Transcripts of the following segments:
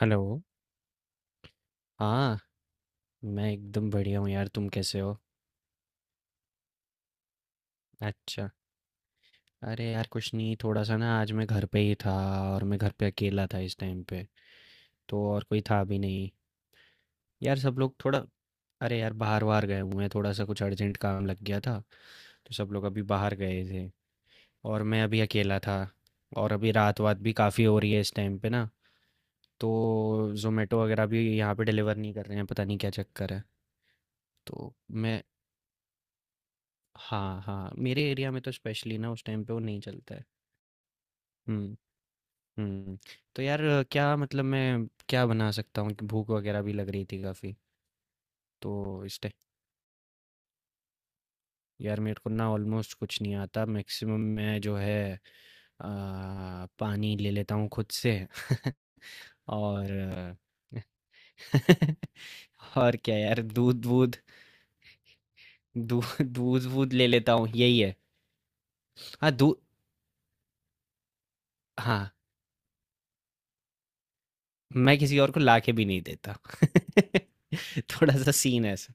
Hello. हाँ, मैं एकदम बढ़िया हूँ यार, तुम कैसे हो? अच्छा। अरे यार कुछ नहीं, थोड़ा सा ना आज मैं घर पे ही था और मैं घर पे अकेला था इस टाइम पे। तो और कोई था भी नहीं। यार सब लोग थोड़ा अरे यार बाहर वार गए हुए हैं, थोड़ा सा कुछ अर्जेंट काम लग गया था। तो सब लोग अभी बाहर गए थे और मैं अभी अकेला था। और अभी रात वात भी काफ़ी हो रही है इस टाइम पे ना। तो जोमेटो वगैरह भी यहाँ पे डिलीवर नहीं कर रहे हैं, पता नहीं क्या चक्कर है। तो मैं हाँ, हाँ, मेरे एरिया में तो स्पेशली ना उस टाइम पे वो नहीं चलता है। हुँ, हुँ। तो यार क्या मतलब मैं क्या बना सकता हूँ? कि भूख वगैरह भी लग रही थी काफ़ी। तो इस टाइ यार मेरे को ना ऑलमोस्ट कुछ नहीं आता। मैक्सिमम मैं जो है अ, पानी ले लेता हूँ खुद से और अ, और क्या यार दूध-वूध, दू दूध-वूध ले लेता हूँ, यही है। हाँ, दू हाँ। मैं किसी और को लाके भी नहीं देता थोड़ा सा सीन है ऐसा।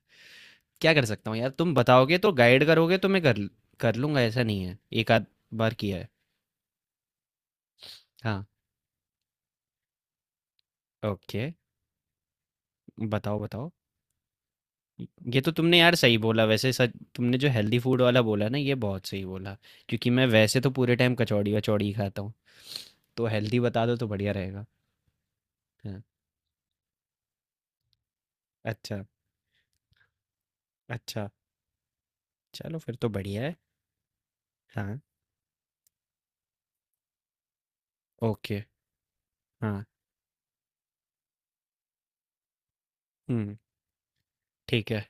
क्या कर सकता हूँ यार तुम बताओगे तो गाइड करोगे तो मैं कर कर लूँगा ऐसा नहीं है। एक आध बार किया है। हाँ। ओके, बताओ बताओ। ये तो तुमने यार सही बोला वैसे, सच तुमने जो हेल्दी फूड वाला बोला ना ये बहुत सही बोला, क्योंकि मैं वैसे तो पूरे टाइम कचौड़ी वचौड़ी ही खाता हूँ। तो हेल्दी बता दो तो बढ़िया रहेगा। हाँ। अच्छा, अच्छा, चलो फिर तो बढ़िया है। हाँ। ओके। हाँ। हम्म। ठीक है।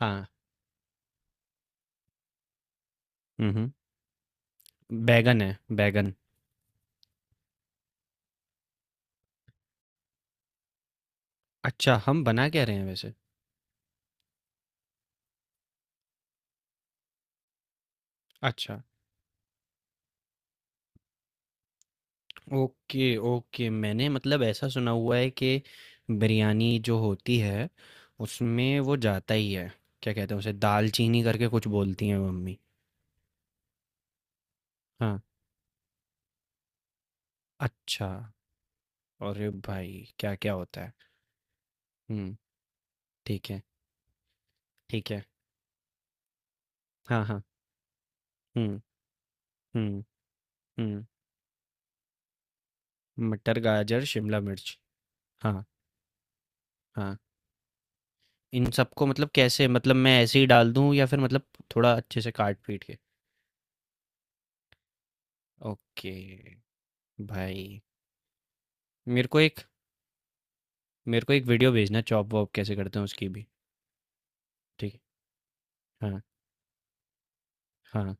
हाँ। हम्म। बैगन है, बैगन। अच्छा, हम बना क्या रहे हैं वैसे? अच्छा। Okay, okay. मैंने मतलब ऐसा सुना हुआ है कि बिरयानी जो होती है, उसमें वो जाता ही है, क्या कहते हैं उसे, दालचीनी करके कुछ बोलती हैं मम्मी। हाँ। अच्छा। अरे भाई, क्या-क्या होता है। हुँ, ठीक है, ठीक है। हाँ, हाँ। हुँ, हुँ, हुँ। मटर, गाजर, शिमला मिर्च। हाँ, हाँ। इन सबको मतलब कैसे, मतलब मैं ऐसे ही डाल दूँ या फिर मतलब थोड़ा अच्छे से काट-पीट के? ओके। भाई, मेरे को एक मेरे को एक वीडियो भेजना चॉप वॉप कैसे करते हैं उसकी भी। ठीक है। हाँ, हाँ।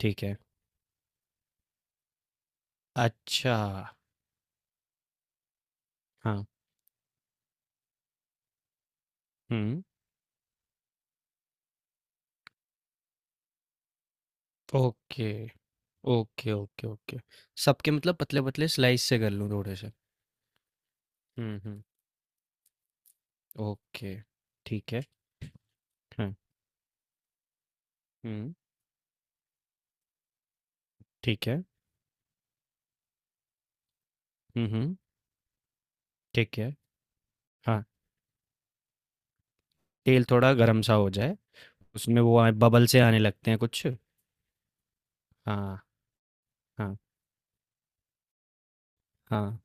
ठीक है। अच्छा। हाँ। हम्म। Okay, okay, okay. ओके, सबके मतलब पतले पतले स्लाइस से कर लूँ थोड़े से। हम्म, हम्म। ओके। ठीक है। हाँ। हम्म। ठीक है। हम्म, हम्म। ठीक है। हाँ, तेल थोड़ा गर्म सा हो जाए, उसमें वो आए बबल से आने लगते हैं कुछ। हाँ, हाँ। हाँ,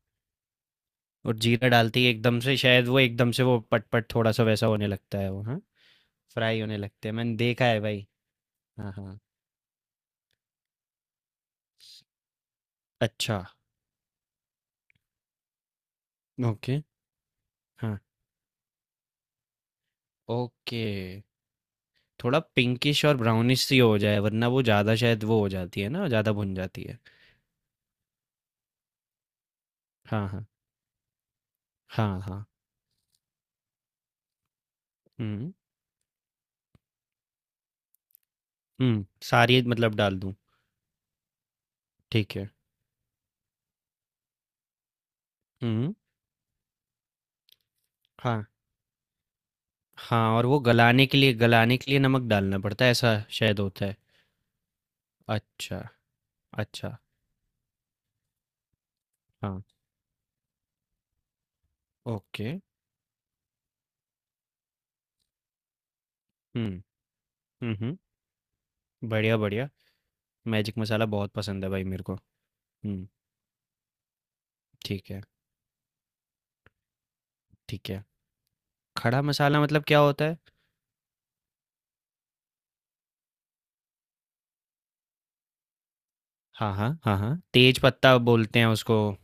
और जीरा डालती है एकदम से शायद वो एकदम से वो पटपट थोड़ा सा वैसा होने लगता है वो, हाँ। फ्राई होने लगते हैं मैंने देखा है भाई। हाँ, हाँ। अच्छा। ओके। हाँ। ओके, थोड़ा पिंकिश और ब्राउनिश सी हो जाए वरना वो ज़्यादा शायद वो हो जाती है ना, ज़्यादा भुन जाती है। हाँ, हाँ। हाँ, हाँ। हम्म। हम्म, सारी मतलब डाल दूँ? ठीक है। हम्म। हाँ, हाँ, और वो गलाने के लिए नमक डालना पड़ता है ऐसा शायद होता है। अच्छा। अच्छा। हाँ। ओके। हम्म। हम्म। बढ़िया, बढ़िया। मैजिक मसाला बहुत पसंद है भाई मेरे को। हुँ, ठीक है, ठीक है। खड़ा मसाला मतलब क्या होता है? हाँ, हाँ, हाँ, हाँ। तेज पत्ता बोलते हैं उसको।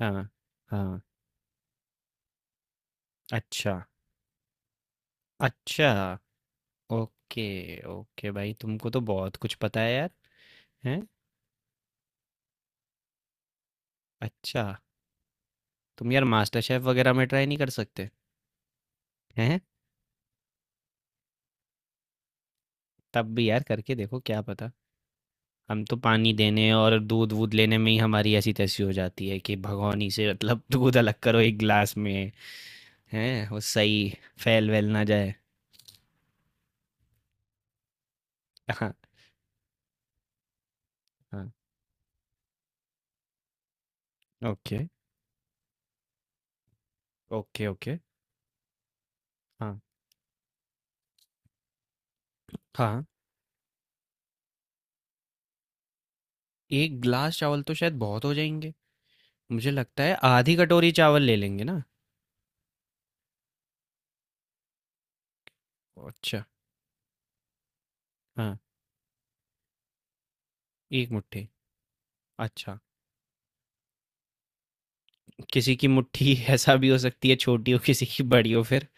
हाँ, हाँ। अच्छा, अच्छा। ओके, ओके भाई तुमको तो बहुत कुछ पता है यार। हैं? अच्छा, तुम यार मास्टर शेफ़ वगैरह में ट्राई नहीं कर सकते? हैं? तब भी यार करके देखो क्या पता। हम तो पानी देने और दूध-वूध लेने में ही हमारी ऐसी-तैसी हो जाती है कि भगोनी से मतलब दूध अलग करो एक ग्लास में। हैं वो सही, फैल वैल ना जाए। हाँ, हाँ। Okay, okay, okay. हाँ, हाँ। एक ग्लास चावल तो शायद बहुत हो जाएंगे। मुझे लगता है आधी कटोरी चावल ले लेंगे ना। अच्छा। हाँ, एक मुट्ठी। अच्छा। किसी की मुट्ठी ऐसा भी हो सकती है, छोटी हो किसी की, बड़ी हो फिर।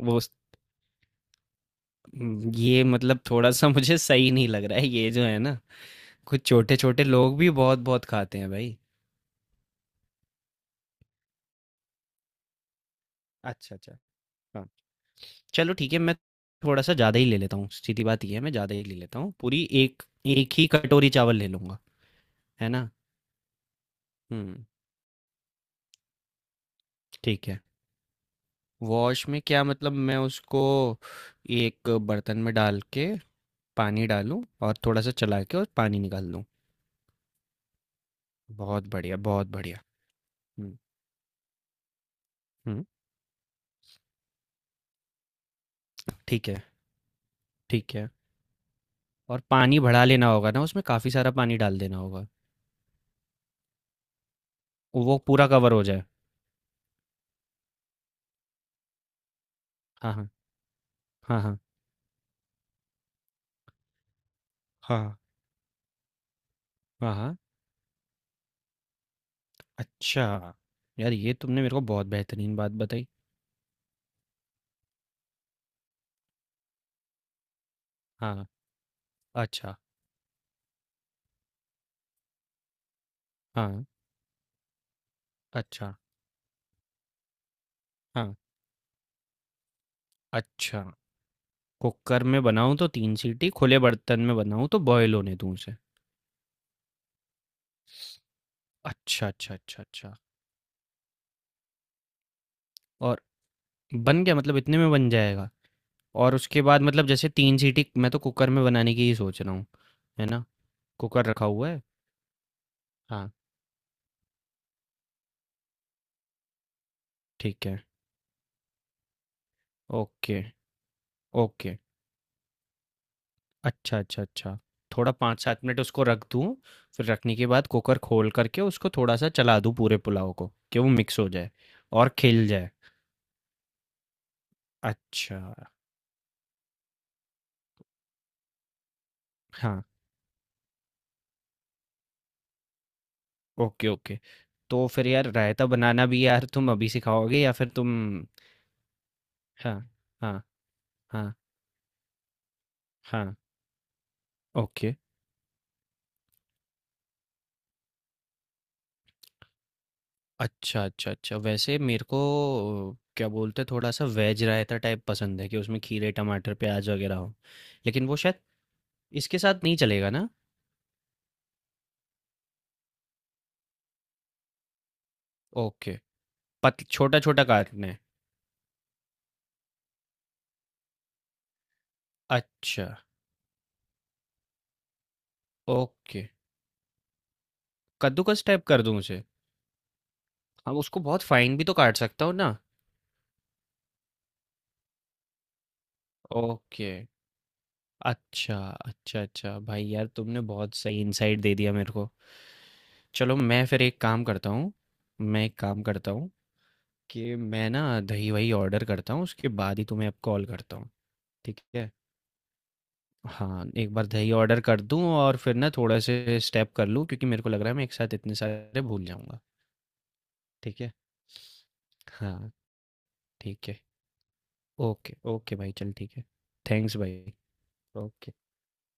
वो उस- ये मतलब थोड़ा सा मुझे सही नहीं लग रहा है ये जो है ना। कुछ छोटे छोटे लोग भी बहुत बहुत खाते हैं भाई। अच्छा, अच्छा। चलो ठीक है, मैं थोड़ा सा ज़्यादा ही ले लेता हूँ, सीधी बात ये है मैं ज़्यादा ही ले लेता हूँ। पूरी एक एक ही कटोरी चावल ले लूँगा, है ना। हम्म। ठीक है। वॉश में क्या मतलब, मैं उसको एक बर्तन में डाल के पानी डालूँ और थोड़ा सा चला के और पानी निकाल दूँ? बहुत बढ़िया, बहुत बढ़िया। हम्म। हम्म, ठीक है। ठीक है, और पानी बढ़ा लेना होगा ना, उसमें काफ़ी सारा पानी डाल देना होगा, वो पूरा कवर हो जाए। हाँ, हाँ, हाँ, हाँ। हाँ, हाँ, हाँ। अच्छा, यार ये तुमने मेरे को बहुत बेहतरीन बात बताई। हाँ, अच्छा, हाँ, अच्छा, हाँ, अच्छा। कुकर में बनाऊँ तो 3 सीटी, खुले बर्तन में बनाऊँ तो बॉयल होने दूँ उसे। अच्छा, अच्छा, अच्छा, अच्छा। और बन गया मतलब इतने में बन जाएगा? और उसके बाद मतलब जैसे 3 सीटी, मैं तो कुकर में बनाने की ही सोच रहा हूँ, है ना? कुकर रखा हुआ है? हाँ, ठीक है। Okay, okay. अच्छा, अच्छा, अच्छा। थोड़ा 5 से 7 मिनट उसको रख दूँ, फिर रखने के बाद कुकर खोल कर के उसको थोड़ा-सा चला दूँ पूरे पुलाव को, कि वो मिक्स हो जाए और खिल जाए। अच्छा, हाँ। Okay, okay. तो फिर यार रायता बनाना भी यार तुम अभी सिखाओगे या फिर तुम। हाँ, हाँ, हाँ, हाँ। ओके। अच्छा, अच्छा, अच्छा। वैसे मेरे को क्या बोलते हैं, थोड़ा-सा वेज रायता टाइप पसंद है कि उसमें खीरे, टमाटर, प्याज़ वग़ैरह हो। लेकिन वो शायद इसके साथ नहीं चलेगा ना? ओके। पत छोटा-छोटा काटना है। अच्छा, ओके। कद्दूकस टाइप कर दूँ उसे? हाँ, उसको बहुत फाइन भी तो काट सकता हूँ ना? ओके। अच्छा, अच्छा, अच्छा। भाई यार तुमने बहुत सही इनसाइट दे दिया मेरे को। चलो मैं फिर एक काम करता हूँ, मैं एक काम करता हूँ कि मैं ना दही-वही ऑर्डर करता हूँ, उसके बाद ही तुम्हें अब कॉल करता हूँ, ठीक है? हाँ, एक बार दही ऑर्डर कर दूँ और फिर ना थोड़े-से स्टेप कर लूँ, क्योंकि मेरे को लग रहा है मैं एक साथ इतने सारे भूल जाऊँगा, ठीक है? हाँ। ठीक है। ओके, ओके भाई, चल ठीक है। थैंक्स भाई। ओके।